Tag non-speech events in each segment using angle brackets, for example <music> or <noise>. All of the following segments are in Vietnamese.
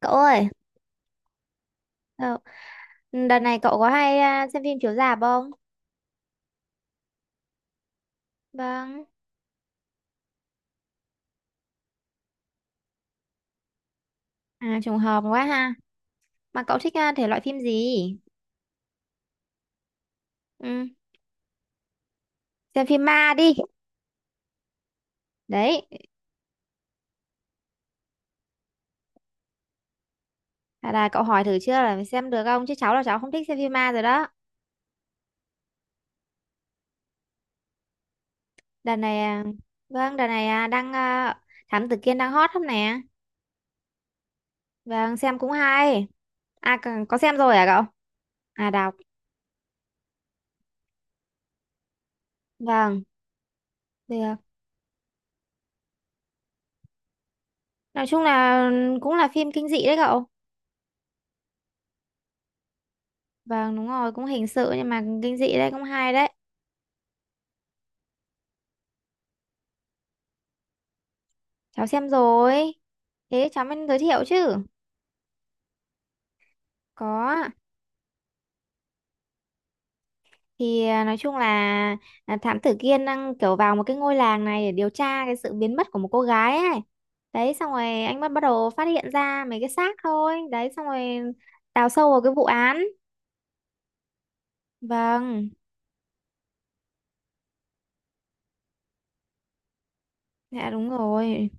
Cậu ơi, ờ, đợt này cậu có hay xem phim chiếu rạp không? Vâng. À, trùng hợp quá ha. Mà cậu thích thể loại phim gì? Ừ, xem phim ma đi. Đấy, là cậu hỏi thử chưa là phải xem được không? Chứ cháu là cháu không thích xem phim ma rồi đó. Đợt này, vâng, đợt này à, đang à, Thám Tử Kiên đang hot lắm nè. Vâng, xem cũng hay. À, có xem rồi à cậu? À, đọc. Vâng, được. Nói chung là cũng là phim kinh dị đấy cậu. Vâng, đúng rồi, cũng hình sự nhưng mà kinh dị đấy, cũng hay đấy. Cháu xem rồi. Thế cháu mới giới thiệu chứ. Có ạ. Thì nói chung là thám tử Kiên đang kiểu vào một cái ngôi làng này để điều tra cái sự biến mất của một cô gái ấy. Đấy xong rồi anh bắt bắt đầu phát hiện ra mấy cái xác thôi. Đấy xong rồi đào sâu vào cái vụ án. Vâng, dạ đúng rồi.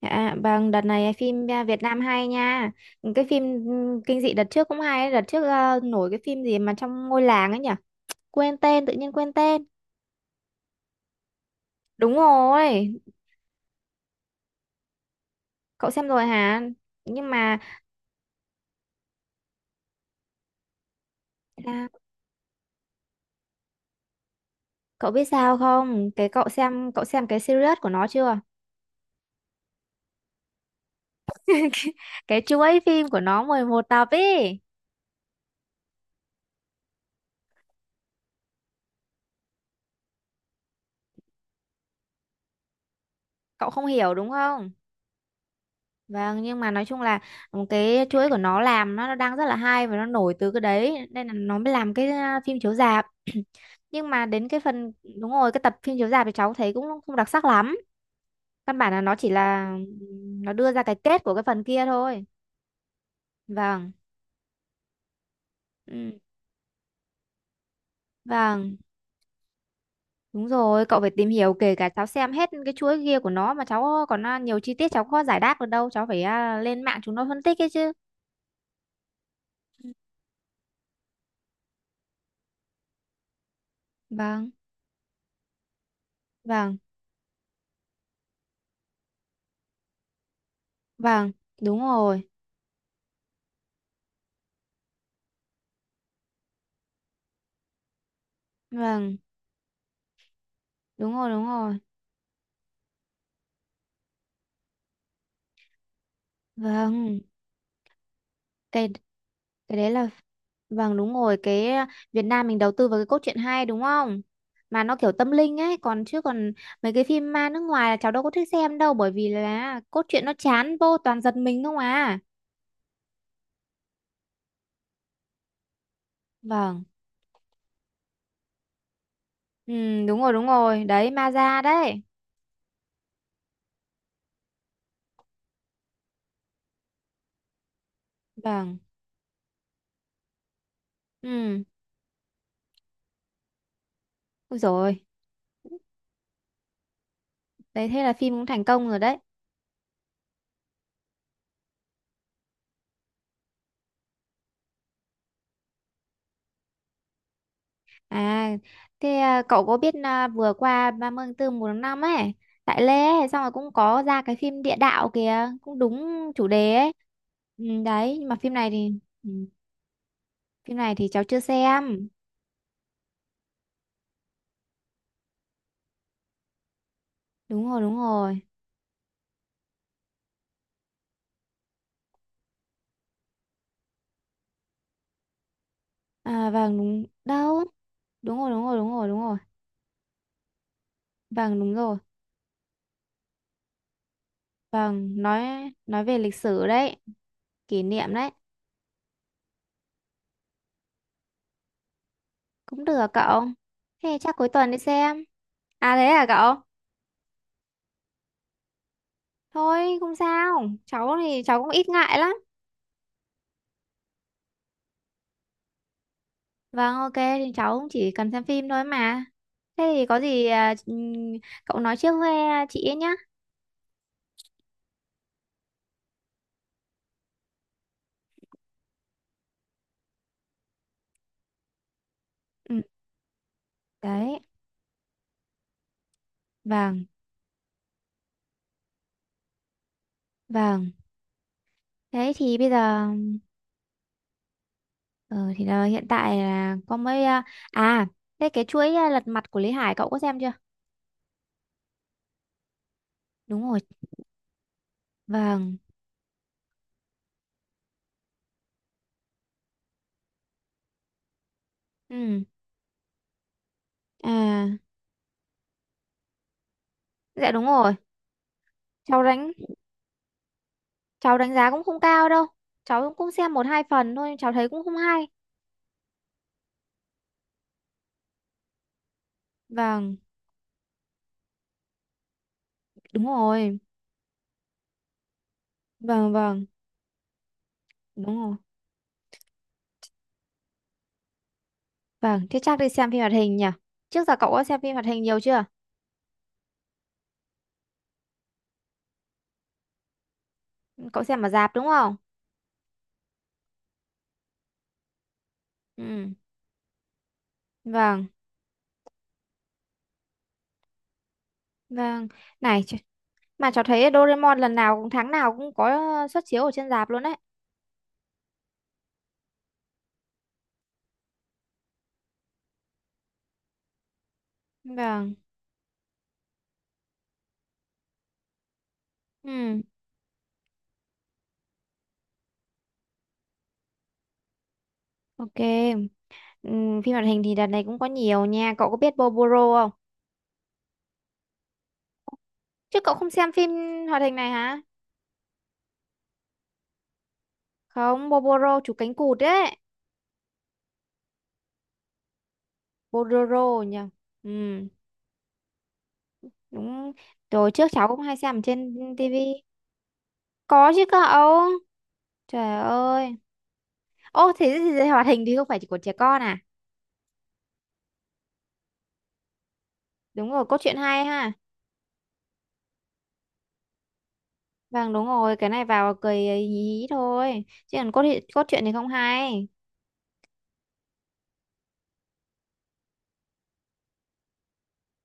Dạ, vâng, đợt này phim Việt Nam hay nha. Cái phim kinh dị đợt trước cũng hay ấy. Đợt trước nổi cái phim gì mà trong ngôi làng ấy nhỉ? Quên tên, tự nhiên quên tên. Đúng rồi. Cậu xem rồi hả? Nhưng mà à, cậu biết sao không? Cái cậu xem cái series của nó chưa? <laughs> Cái chuỗi phim của nó 11 tập ấy. Cậu không hiểu đúng không? Vâng, nhưng mà nói chung là một cái chuỗi của nó làm nó đang rất là hay và nó nổi từ cái đấy nên là nó mới làm cái phim chiếu rạp. <clears throat> Nhưng mà đến cái phần đúng rồi, cái tập phim chiếu rạp thì cháu thấy cũng không đặc sắc lắm. Căn bản là nó chỉ là nó đưa ra cái kết của cái phần kia thôi. Vâng. Ừ. Vâng. Đúng rồi, cậu phải tìm hiểu kể cả cháu xem hết cái chuỗi kia của nó mà cháu còn nhiều chi tiết cháu khó giải đáp được đâu, cháu phải lên mạng chúng nó phân tích ấy chứ. Vâng, vâng, vâng, đúng rồi, vâng, đúng rồi, vâng, cái cái đấy là, vâng đúng rồi, cái Việt Nam mình đầu tư vào cái cốt truyện hay đúng không? Mà nó kiểu tâm linh ấy, còn chứ còn mấy cái phim ma nước ngoài là cháu đâu có thích xem đâu, bởi vì là cốt truyện nó chán vô toàn giật mình không à. Vâng. Ừ, đúng rồi, đúng rồi. Đấy, ma da đấy. Vâng. Ừ, ôi rồi. Đấy, thế là phim cũng thành công rồi đấy. À, thế cậu có biết vừa qua 30 tháng 4 1 tháng 5 ấy, tại Lê ấy, xong rồi cũng có ra cái phim Địa đạo kìa, cũng đúng chủ đề ấy. Ừ, đấy, nhưng mà phim này thì ừ, cháu chưa xem. Đúng rồi, đúng rồi. À, vâng, đúng. Đâu? Đúng rồi, đúng rồi, đúng rồi, đúng rồi. Vâng, đúng rồi. Vâng, nói về lịch sử đấy, kỷ niệm đấy. Cũng được à cậu. Thế chắc cuối tuần đi xem. À thế à cậu? Thôi không sao. Cháu thì cháu cũng ít ngại lắm. Vâng ok thì cháu cũng chỉ cần xem phim thôi mà. Thế thì có gì cậu nói trước với chị ấy nhá. Ừ, đấy. Vâng, vâng. Thế thì bây giờ ờ, thì là hiện tại là có mấy à, thế cái chuỗi lật mặt của Lý Hải cậu có xem chưa? Đúng rồi. Vâng. Ừ. À, dạ đúng rồi. Cháu đánh cháu đánh giá cũng không cao đâu, cháu cũng xem một hai phần thôi cháu thấy cũng không hay. Vâng đúng rồi, vâng vâng đúng rồi, vâng thế chắc đi xem phim hoạt hình nhỉ. Trước giờ cậu có xem phim hoạt hình nhiều chưa? Cậu xem ở rạp đúng không? Ừ, vâng, vâng, này ch- mà cháu thấy Doraemon lần nào cũng tháng nào cũng có xuất chiếu ở trên rạp luôn đấy. Vâng, ừ, ok, ừ, phim hoạt hình thì đợt này cũng có nhiều nha. Cậu có biết Boboro không? Chứ cậu không xem phim hoạt hình này hả? Không, Boboro chú cánh cụt đấy. Bolero nhỉ. Ừ, đúng rồi, trước cháu cũng hay xem ở trên tivi. Có chứ cậu, trời ơi. Ô thế thì hoạt hình thì không phải chỉ của trẻ con à. Đúng rồi, cốt truyện hay ha. Vâng đúng rồi, cái này vào cười hí hí thôi chứ còn cốt truyện thì không hay.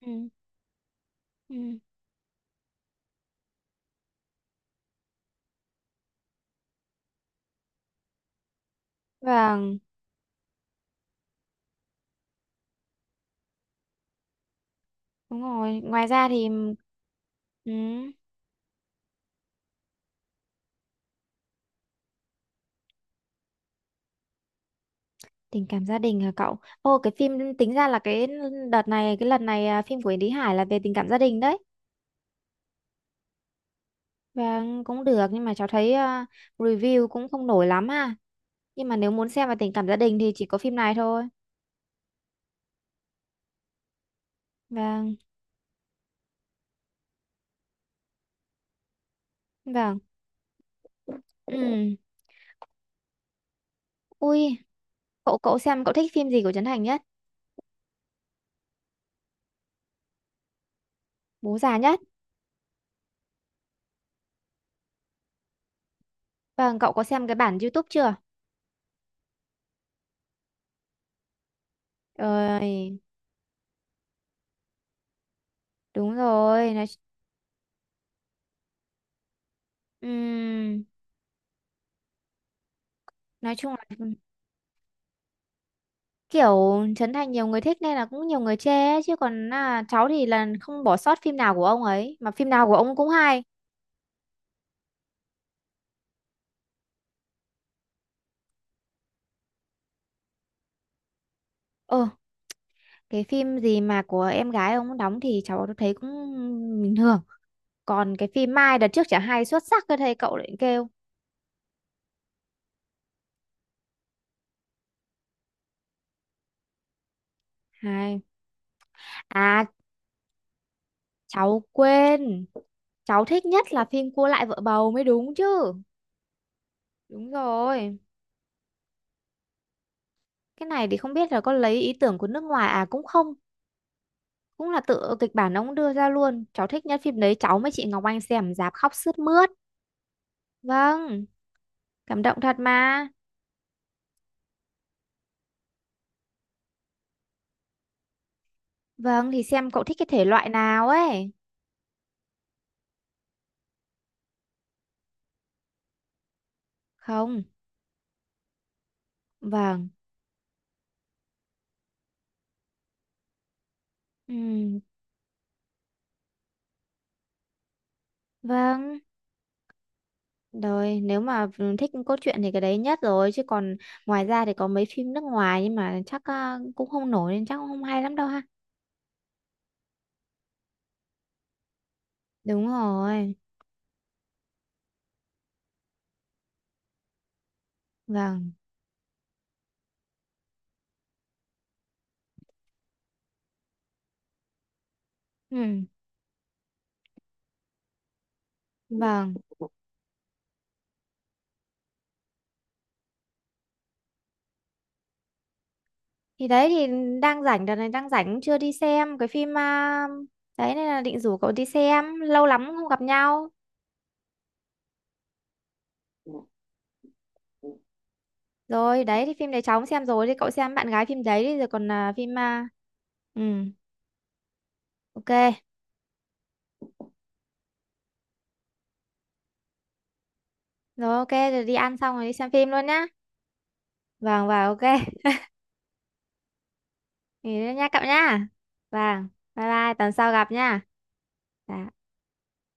Ừ, ừ, vâng đúng rồi, ngoài ra thì ừ, tình cảm gia đình hả cậu? Ô cái phim, tính ra là cái đợt này cái lần này phim của Yến Lý Hải là về tình cảm gia đình đấy. Vâng, cũng được nhưng mà cháu thấy review cũng không nổi lắm ha. Nhưng mà nếu muốn xem về tình cảm gia đình thì chỉ có phim này thôi. Vâng, vâng. Ừ. Ui, cậu cậu xem cậu thích phim gì của Trấn Thành nhất? Bố già nhất. Vâng, cậu có xem cái bản YouTube chưa? Ơi, đúng rồi, ừm, nói chung là kiểu Trấn Thành nhiều người thích nên là cũng nhiều người chê ấy. Chứ còn cháu thì là không bỏ sót phim nào của ông ấy, mà phim nào của ông cũng hay. Ờ, cái phim gì mà của em gái ông đóng thì cháu thấy cũng bình thường, còn cái phim Mai đợt trước chả hay xuất sắc cơ thầy cậu lại kêu hay à. Cháu quên, cháu thích nhất là phim Cua lại vợ bầu mới đúng chứ. Đúng rồi, cái này thì không biết là có lấy ý tưởng của nước ngoài à cũng không, cũng là tự kịch bản ông đưa ra luôn. Cháu thích nhất phim đấy, cháu với chị Ngọc Anh xem rạp khóc sướt mướt. Vâng, cảm động thật mà. Vâng thì xem cậu thích cái thể loại nào ấy. Không. Vâng. Ừ. Vâng, rồi nếu mà thích cốt truyện thì cái đấy nhất rồi chứ còn ngoài ra thì có mấy phim nước ngoài nhưng mà chắc cũng không nổi nên chắc cũng không hay lắm đâu ha. Đúng rồi. Vâng. Ừ, vâng. Thì đấy thì đang rảnh, đợt này đang rảnh cũng chưa đi xem cái phim đấy nên là định rủ cậu đi xem, lâu lắm không gặp nhau. Rồi, đấy thì phim đấy cháu cũng xem rồi thì cậu xem bạn gái phim đấy đi rồi còn ừ, ok. Rồi ok rồi đi ăn xong rồi đi xem phim luôn nhá. Vâng và ok. Nghỉ nữa nha cậu nha. Vâng, bye bye, tuần sau gặp nha. Dạ.